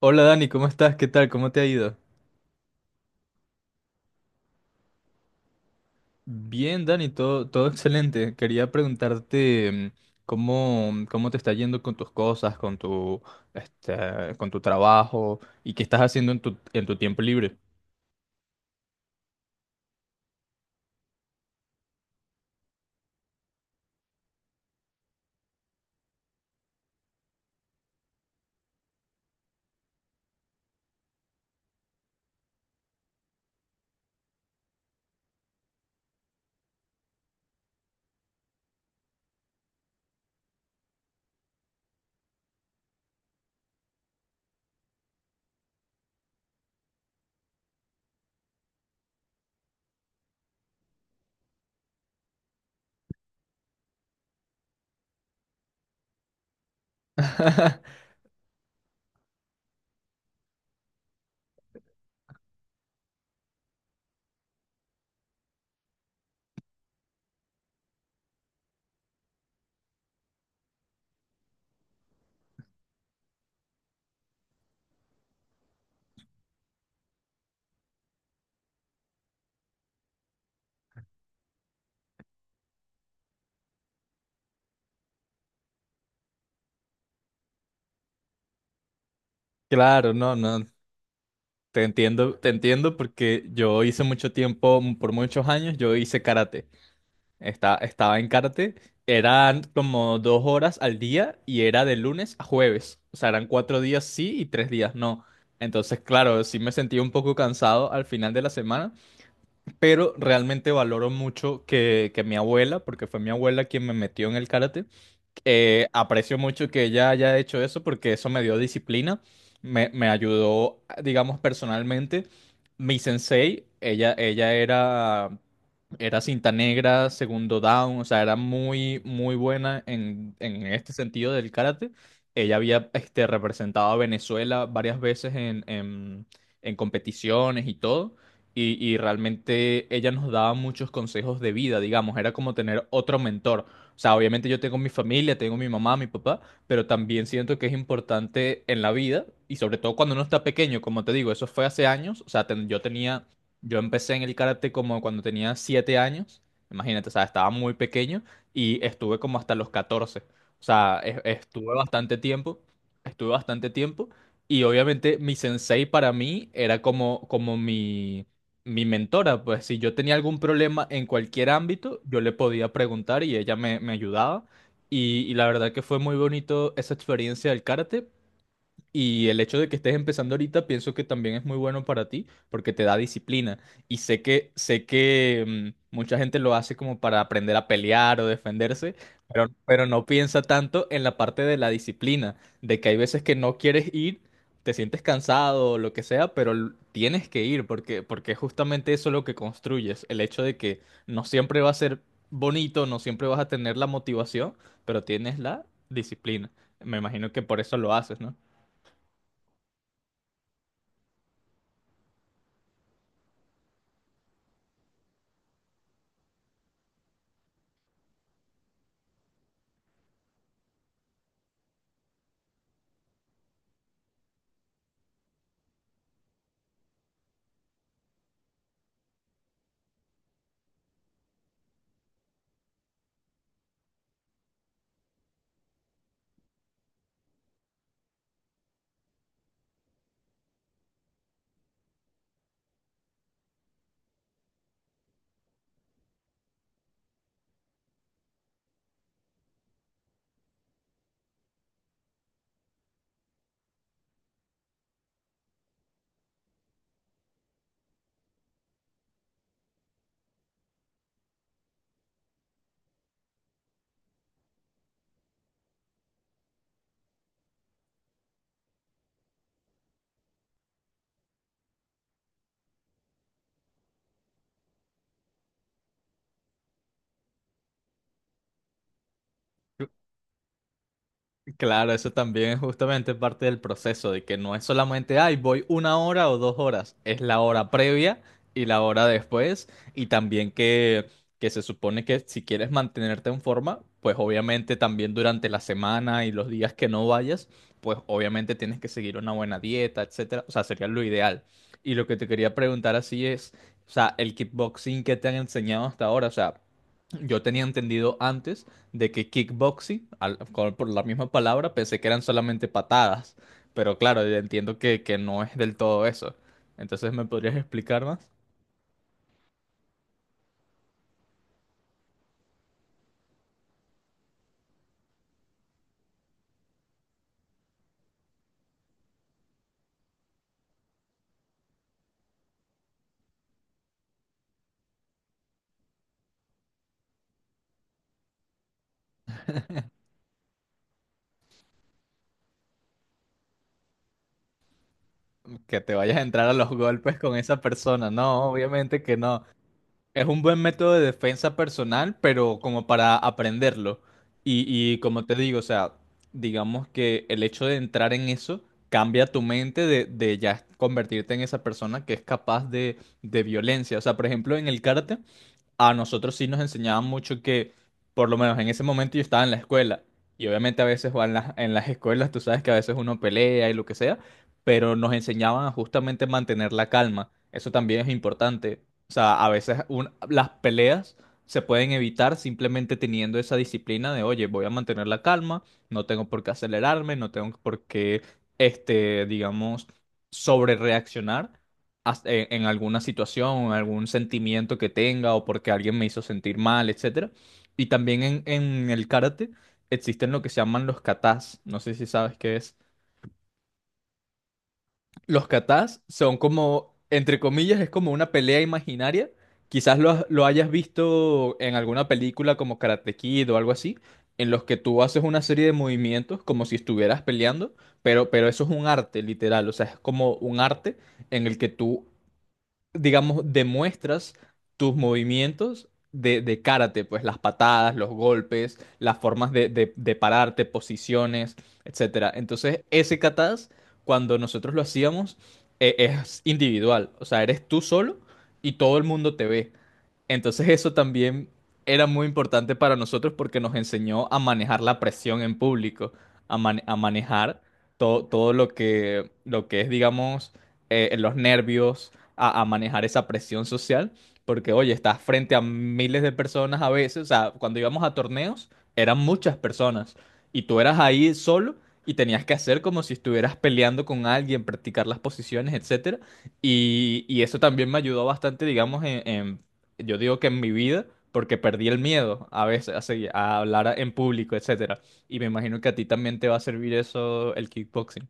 Hola Dani, ¿cómo estás? ¿Qué tal? ¿Cómo te ha ido? Bien, Dani, todo excelente. Quería preguntarte cómo, cómo te está yendo con tus cosas, con tu, con tu trabajo y qué estás haciendo en tu tiempo libre. Claro, no, no, te entiendo porque yo hice mucho tiempo, por muchos años, yo hice karate. Estaba en karate. Eran como 2 horas al día y era de lunes a jueves. O sea, eran 4 días sí y 3 días no. Entonces, claro, sí me sentí un poco cansado al final de la semana, pero realmente valoro mucho que mi abuela, porque fue mi abuela quien me metió en el karate, aprecio mucho que ella haya hecho eso porque eso me dio disciplina, me ayudó, digamos, personalmente. Mi sensei, ella era cinta negra, segundo down, o sea, era muy, muy buena en este sentido del karate. Ella había representado a Venezuela varias veces en competiciones y todo. Y realmente ella nos daba muchos consejos de vida, digamos, era como tener otro mentor. O sea, obviamente yo tengo mi familia, tengo mi mamá, mi papá, pero también siento que es importante en la vida y sobre todo cuando uno está pequeño, como te digo, eso fue hace años, o sea, yo empecé en el karate como cuando tenía 7 años, imagínate, o sea, estaba muy pequeño y estuve como hasta los 14. O sea, estuve bastante tiempo y obviamente mi sensei para mí era como mi mentora, pues si yo tenía algún problema en cualquier ámbito, yo le podía preguntar y ella me ayudaba. Y la verdad que fue muy bonito esa experiencia del karate y el hecho de que estés empezando ahorita, pienso que también es muy bueno para ti, porque te da disciplina. Y sé que mucha gente lo hace como para aprender a pelear o defenderse, pero no piensa tanto en la parte de la disciplina, de que hay veces que no quieres ir, te sientes cansado o lo que sea, pero tienes que ir, porque justamente eso es lo que construyes. El hecho de que no siempre va a ser bonito, no siempre vas a tener la motivación, pero tienes la disciplina. Me imagino que por eso lo haces, ¿no? Claro, eso también es justamente parte del proceso, de que no es solamente, ay, voy una hora o 2 horas, es la hora previa y la hora después, y también que se supone que si quieres mantenerte en forma, pues obviamente también durante la semana y los días que no vayas, pues obviamente tienes que seguir una buena dieta, etcétera, o sea, sería lo ideal. Y lo que te quería preguntar así es, o sea, el kickboxing que te han enseñado hasta ahora, o sea, yo tenía entendido antes de que kickboxing, por la misma palabra, pensé que eran solamente patadas, pero claro, yo entiendo que no es del todo eso. Entonces, ¿me podrías explicar más? Que te vayas a entrar a los golpes con esa persona. No, obviamente que no. Es un buen método de defensa personal, pero como para aprenderlo. Y, y como te digo, o sea, digamos que el hecho de entrar en eso cambia tu mente de ya convertirte en esa persona que es capaz de violencia. O sea, por ejemplo, en el karate, a nosotros sí nos enseñaban mucho que, por lo menos en ese momento yo estaba en la escuela, y obviamente a veces o en las escuelas, tú sabes que a veces uno pelea y lo que sea, pero nos enseñaban a justamente mantener la calma. Eso también es importante. O sea, a veces las peleas se pueden evitar simplemente teniendo esa disciplina de, oye, voy a mantener la calma, no tengo por qué acelerarme, no tengo por qué, digamos, sobre reaccionar en alguna situación, en algún sentimiento que tenga o porque alguien me hizo sentir mal, etcétera. Y también en el karate existen lo que se llaman los katas. No sé si sabes qué es. Los katas son como, entre comillas, es como una pelea imaginaria. Quizás lo hayas visto en alguna película como Karate Kid o algo así, en los que tú haces una serie de movimientos como si estuvieras peleando, pero eso es un arte, literal. O sea, es como un arte en el que tú digamos, demuestras tus movimientos de karate, pues las patadas, los golpes, las formas de pararte, posiciones, etcétera. Entonces, ese kata's, cuando nosotros lo hacíamos, es individual. O sea, eres tú solo y todo el mundo te ve. Entonces eso también era muy importante para nosotros porque nos enseñó a manejar la presión en público, a manejar todo lo que es, digamos, los nervios, a manejar esa presión social, porque oye, estás frente a miles de personas a veces, o sea, cuando íbamos a torneos eran muchas personas y tú eras ahí solo. Y tenías que hacer como si estuvieras peleando con alguien, practicar las posiciones, etcétera. Y eso también me ayudó bastante, digamos, en yo digo que en mi vida, porque perdí el miedo a veces a hablar en público, etcétera. Y me imagino que a ti también te va a servir eso, el kickboxing.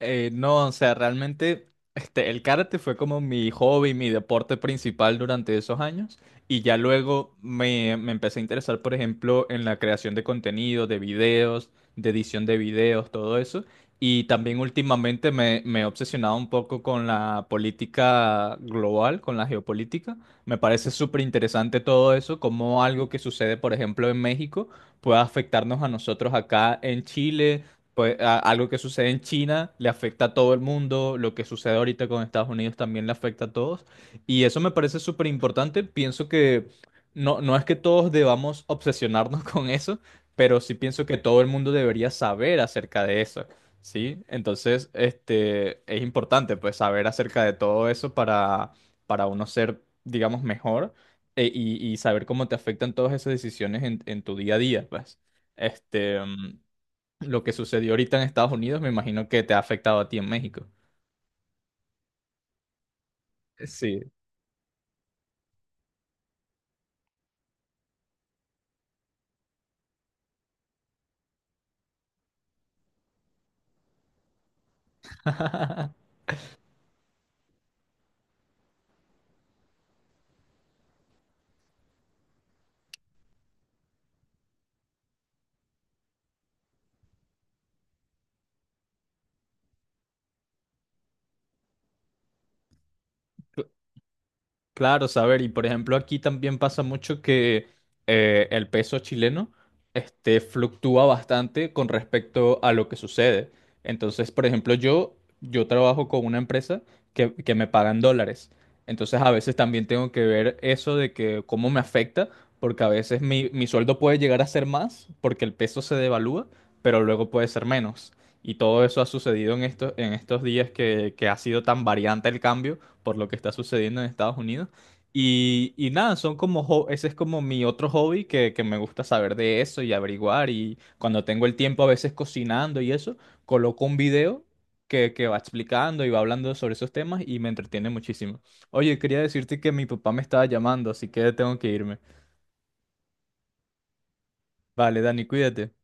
No, o sea, realmente el karate fue como mi hobby, mi deporte principal durante esos años y ya luego me empecé a interesar, por ejemplo, en la creación de contenido, de videos, de edición de videos, todo eso. Y también últimamente me he obsesionado un poco con la política global, con la geopolítica. Me parece súper interesante todo eso, cómo algo que sucede, por ejemplo, en México puede afectarnos a nosotros acá en Chile, pues algo que sucede en China le afecta a todo el mundo, lo que sucede ahorita con Estados Unidos también le afecta a todos. Y eso me parece súper importante. Pienso que no es que todos debamos obsesionarnos con eso, pero sí pienso que todo el mundo debería saber acerca de eso, ¿sí? Entonces, es importante pues saber acerca de todo eso para uno ser, digamos, mejor y saber cómo te afectan todas esas decisiones en tu día a día, pues. Este... mm, lo que sucedió ahorita en Estados Unidos, me imagino que te ha afectado a ti en México. Sí, Claro, saber, y por ejemplo aquí también pasa mucho que el peso chileno fluctúa bastante con respecto a lo que sucede. Entonces, por ejemplo, yo trabajo con una empresa que me pagan dólares. Entonces, a veces también tengo que ver eso de que cómo me afecta, porque a veces mi sueldo puede llegar a ser más porque el peso se devalúa, pero luego puede ser menos. Y todo eso ha sucedido en estos días que ha sido tan variante el cambio por lo que está sucediendo en Estados Unidos. Y nada, son como, ese es como mi otro hobby que me gusta saber de eso y averiguar. Y cuando tengo el tiempo, a veces cocinando y eso, coloco un video que va explicando y va hablando sobre esos temas y me entretiene muchísimo. Oye, quería decirte que mi papá me estaba llamando, así que tengo que irme. Vale, Dani, cuídate.